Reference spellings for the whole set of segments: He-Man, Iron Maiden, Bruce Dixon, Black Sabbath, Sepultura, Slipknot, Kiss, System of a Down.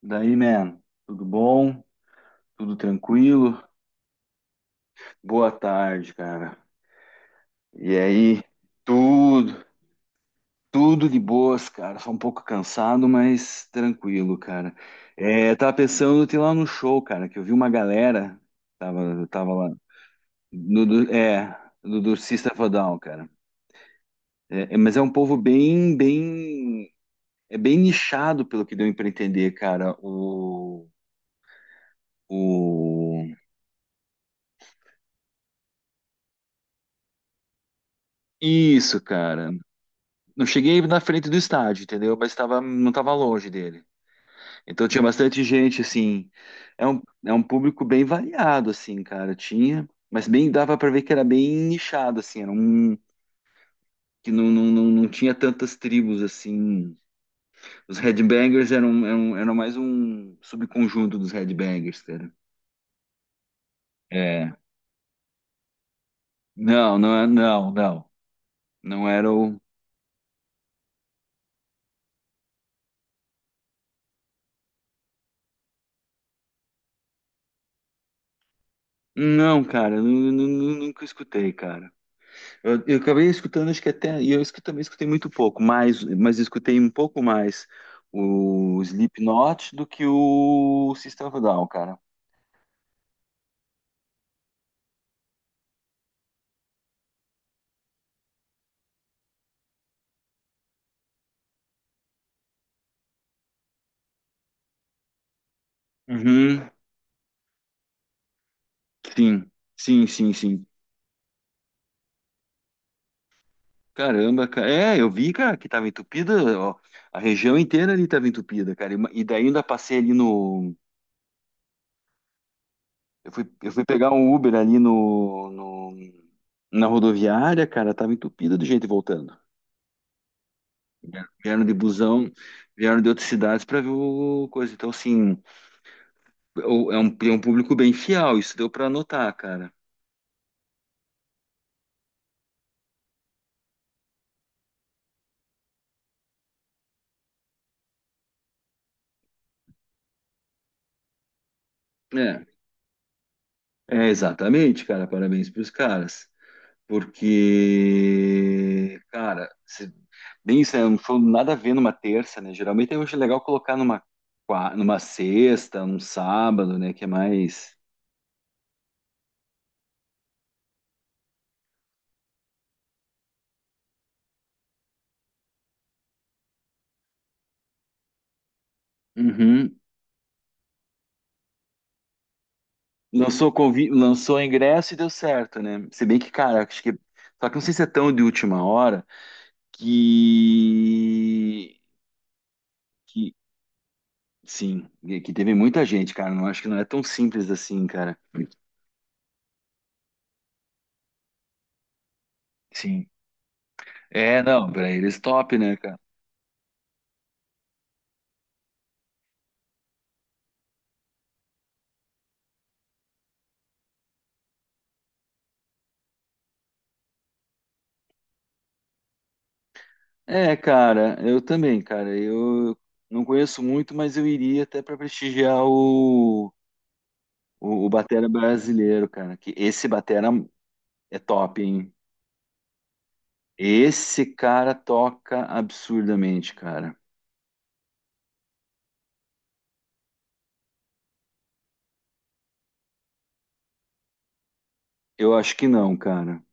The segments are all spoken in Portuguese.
Daí, man, tudo bom? Tudo tranquilo? Boa tarde, cara. E aí, tudo, tudo de boas, cara. Só um pouco cansado, mas tranquilo, cara. É, tava pensando em ir lá no show, cara, que eu vi uma galera, tava lá, do, do- é, do System of a Down, cara. Mas é um povo bem, bem, é bem nichado, pelo que deu pra entender, cara, o- Isso, cara. Não cheguei na frente do estádio, entendeu? Mas tava, não estava longe dele. Então tinha bastante gente, assim. É um público bem variado, assim, cara. Tinha, mas bem dava para ver que era bem nichado, assim. Era um que não tinha tantas tribos, assim. Os Headbangers eram mais um subconjunto dos Headbangers, cara. É. Não, não, não, não. Não era o. Não, cara, eu nunca escutei, cara. Eu acabei escutando, acho que até, e eu também escutei muito pouco, mas escutei um pouco mais o Slipknot do que o System of a Down, cara. Uhum, sim, sim, sim, sim. Caramba, cara. É, eu vi, cara, que tava entupida, ó, a região inteira ali tava entupida, cara, e, e daí ainda passei ali no, eu fui pegar um Uber ali no, na rodoviária, cara, tava entupida de gente voltando. Vieram de busão, vieram de outras cidades pra ver o coisa, então assim... é um público bem fiel, isso deu para notar, cara. É, exatamente, cara, parabéns para os caras, porque, cara, bem isso, né, não foi nada a ver numa terça, né? Geralmente eu acho legal colocar numa, numa sexta, num sábado, né? Que é mais. Uhum. Lançou ingresso e deu certo, né? Se bem que, cara, acho que. Só que não sei se é tão de última hora que. Que Sim, e que teve muita gente, cara. Não acho que não é tão simples assim, cara. Sim. É, não, pra eles top, né, cara? É, cara, eu também, cara. Eu não conheço muito, mas eu iria até para prestigiar o batera brasileiro, cara. Que esse batera é top, hein? Esse cara toca absurdamente, cara. Eu acho que não, cara.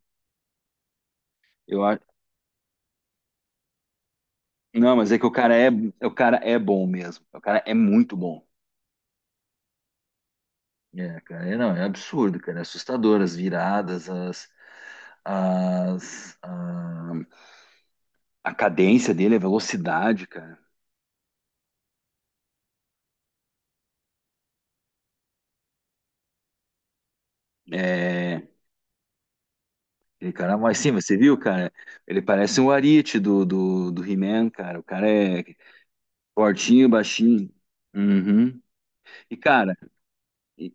Eu a... Não, mas é que o cara é bom mesmo. O cara é muito bom. É, cara, é, não, é absurdo, cara, é assustador as viradas, as, a, a cadência dele, a velocidade, cara. É, ele, cara, mas sim, você viu, cara? Ele parece um Arite do He-Man, cara. O cara é fortinho, baixinho. Uhum. E, cara, e,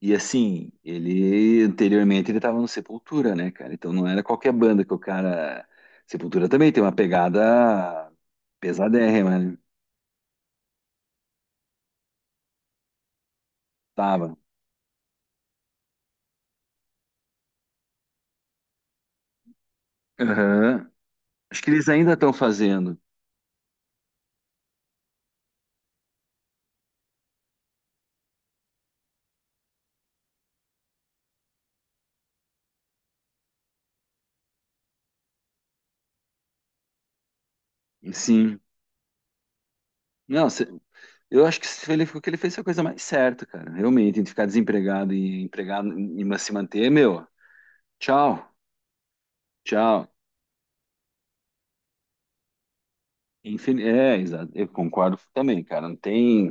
e assim, ele anteriormente ele tava no Sepultura, né, cara? Então não era qualquer banda que o cara. Sepultura também tem uma pegada pesadérrima, né? Tava, aham. Acho que eles ainda estão fazendo. Sim. Não, eu acho que se ele, o que ele fez foi a coisa mais certa, cara. Realmente, entre ficar desempregado e empregado e se manter, meu, tchau, tchau. É, exato. Eu concordo também, cara. Não tem.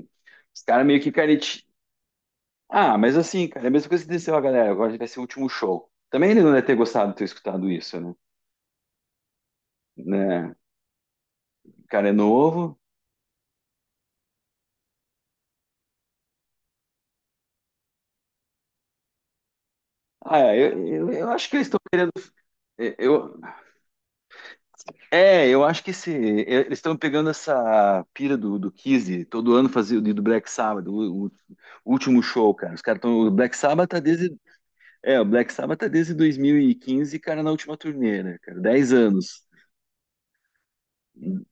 Os caras meio que careti. Ah, mas assim, cara, é a mesma coisa que desceu a galera. Agora vai ser o último show. Também ele não deve ter gostado de ter escutado isso, né? Né? O cara é novo. Ah, é, eu acho que eles estão querendo. Eu, É, eu acho que esse, é, eles estão pegando essa pira do Kiss, todo ano fazia do Black Sabbath, o último show, cara. Os caras estão. O Black Sabbath tá desde. É, o Black Sabbath tá desde 2015, cara, na última turnê, né, cara? 10 anos.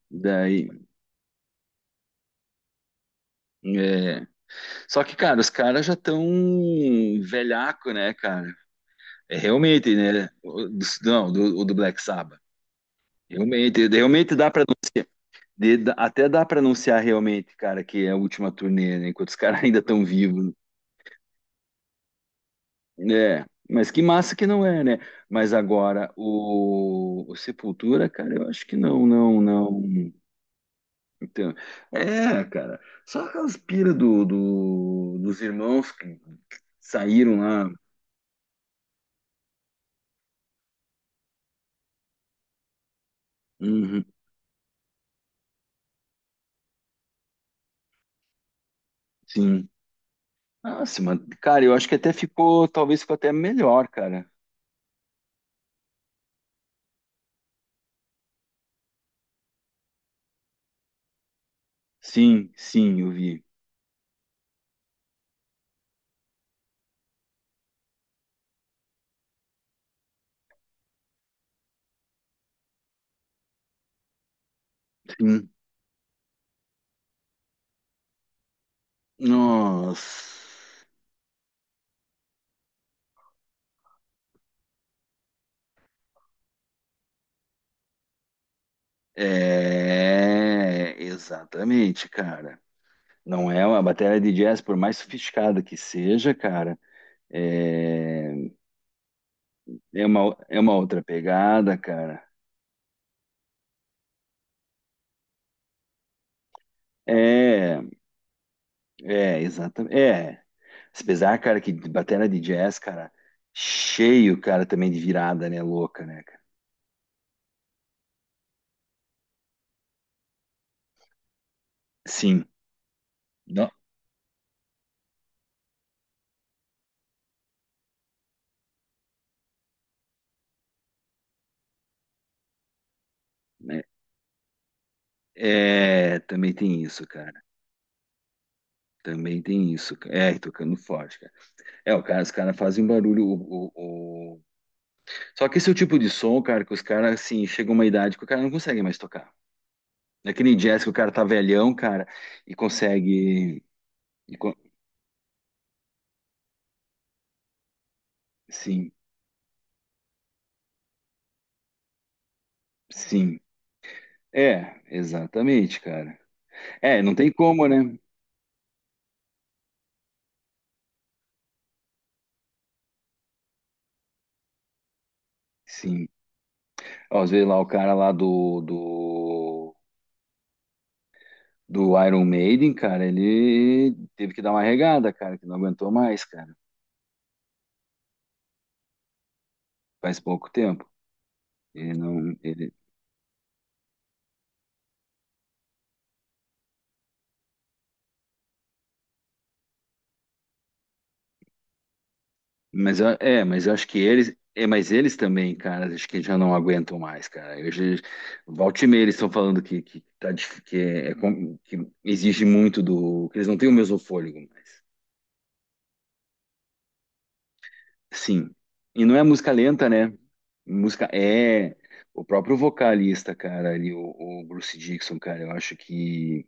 Daí. É. Só que, cara, os caras já estão velhaco, né, cara? É realmente, né? O, do- não, do, o do Black Sabbath. Realmente, realmente dá para até dá para anunciar realmente, cara, que é a última turnê, né? Enquanto os caras ainda estão vivos, né? É, mas que massa que não é, né? Mas agora, o Sepultura, cara, eu acho que não, não, não. Então, é, cara, só aquelas pira dos irmãos que saíram lá. Uhum, sim. Nossa, mano, cara, eu acho que até ficou, talvez ficou até melhor, cara. Sim, sim, eu vi. Sim. Nossa. É, exatamente, cara. Não é uma bateria de jazz, por mais sofisticada que seja, cara. É, é uma outra pegada, cara. É, Exatamente. É. Apesar, cara, que bateria de jazz, cara, cheio, cara, também de virada, né? Louca, né, cara? Sim. Não, né? É, também tem isso, cara. Também tem isso, cara. É, tocando forte, cara. É, o cara, os caras fazem um barulho. O, só que esse é o tipo de som, cara, que os caras, assim, chega uma idade que o cara não consegue mais tocar. Naquele jazz que o cara tá velhão, cara, e consegue. e co- Sim, sim. É, exatamente, cara. É, não tem como, né? Sim. Ó, às vezes lá o cara lá do Iron Maiden, cara, ele teve que dar uma regada, cara, que não aguentou mais, cara. Faz pouco tempo. Ele não. Ele, mas é, mas eu acho que eles, é, mas eles também, cara, acho que já não aguentam mais, cara. Volta e meia eles estão falando que tá, que, é que exige muito do, que eles não têm o mesmo fôlego mais. Sim. E não é música lenta, né? Música é o próprio vocalista, cara, ali, o Bruce Dixon, cara, eu acho que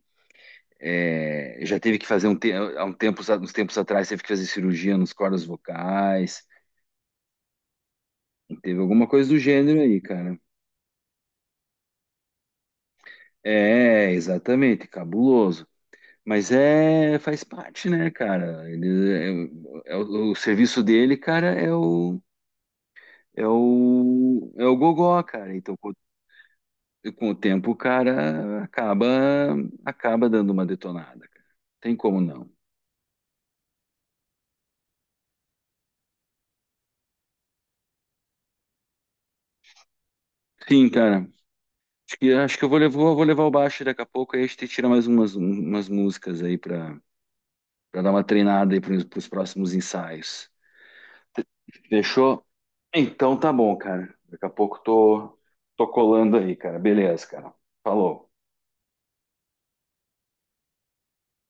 é, já teve que fazer um, há um tempo, uns tempos atrás, teve que fazer cirurgia nos cordas vocais, teve alguma coisa do gênero aí, cara. É, exatamente, cabuloso. Mas é, faz parte, né, cara? Ele, é o serviço dele, cara, é o gogó, cara. Então, com o tempo, o cara acaba, acaba dando uma detonada, cara. Tem como não. Sim, cara. Acho que eu vou levar o baixo daqui a pouco, aí a gente tira mais umas músicas aí pra dar uma treinada aí pros próximos ensaios. Fechou? Então tá bom, cara. Daqui a pouco tô colando aí, cara. Beleza, cara. Falou.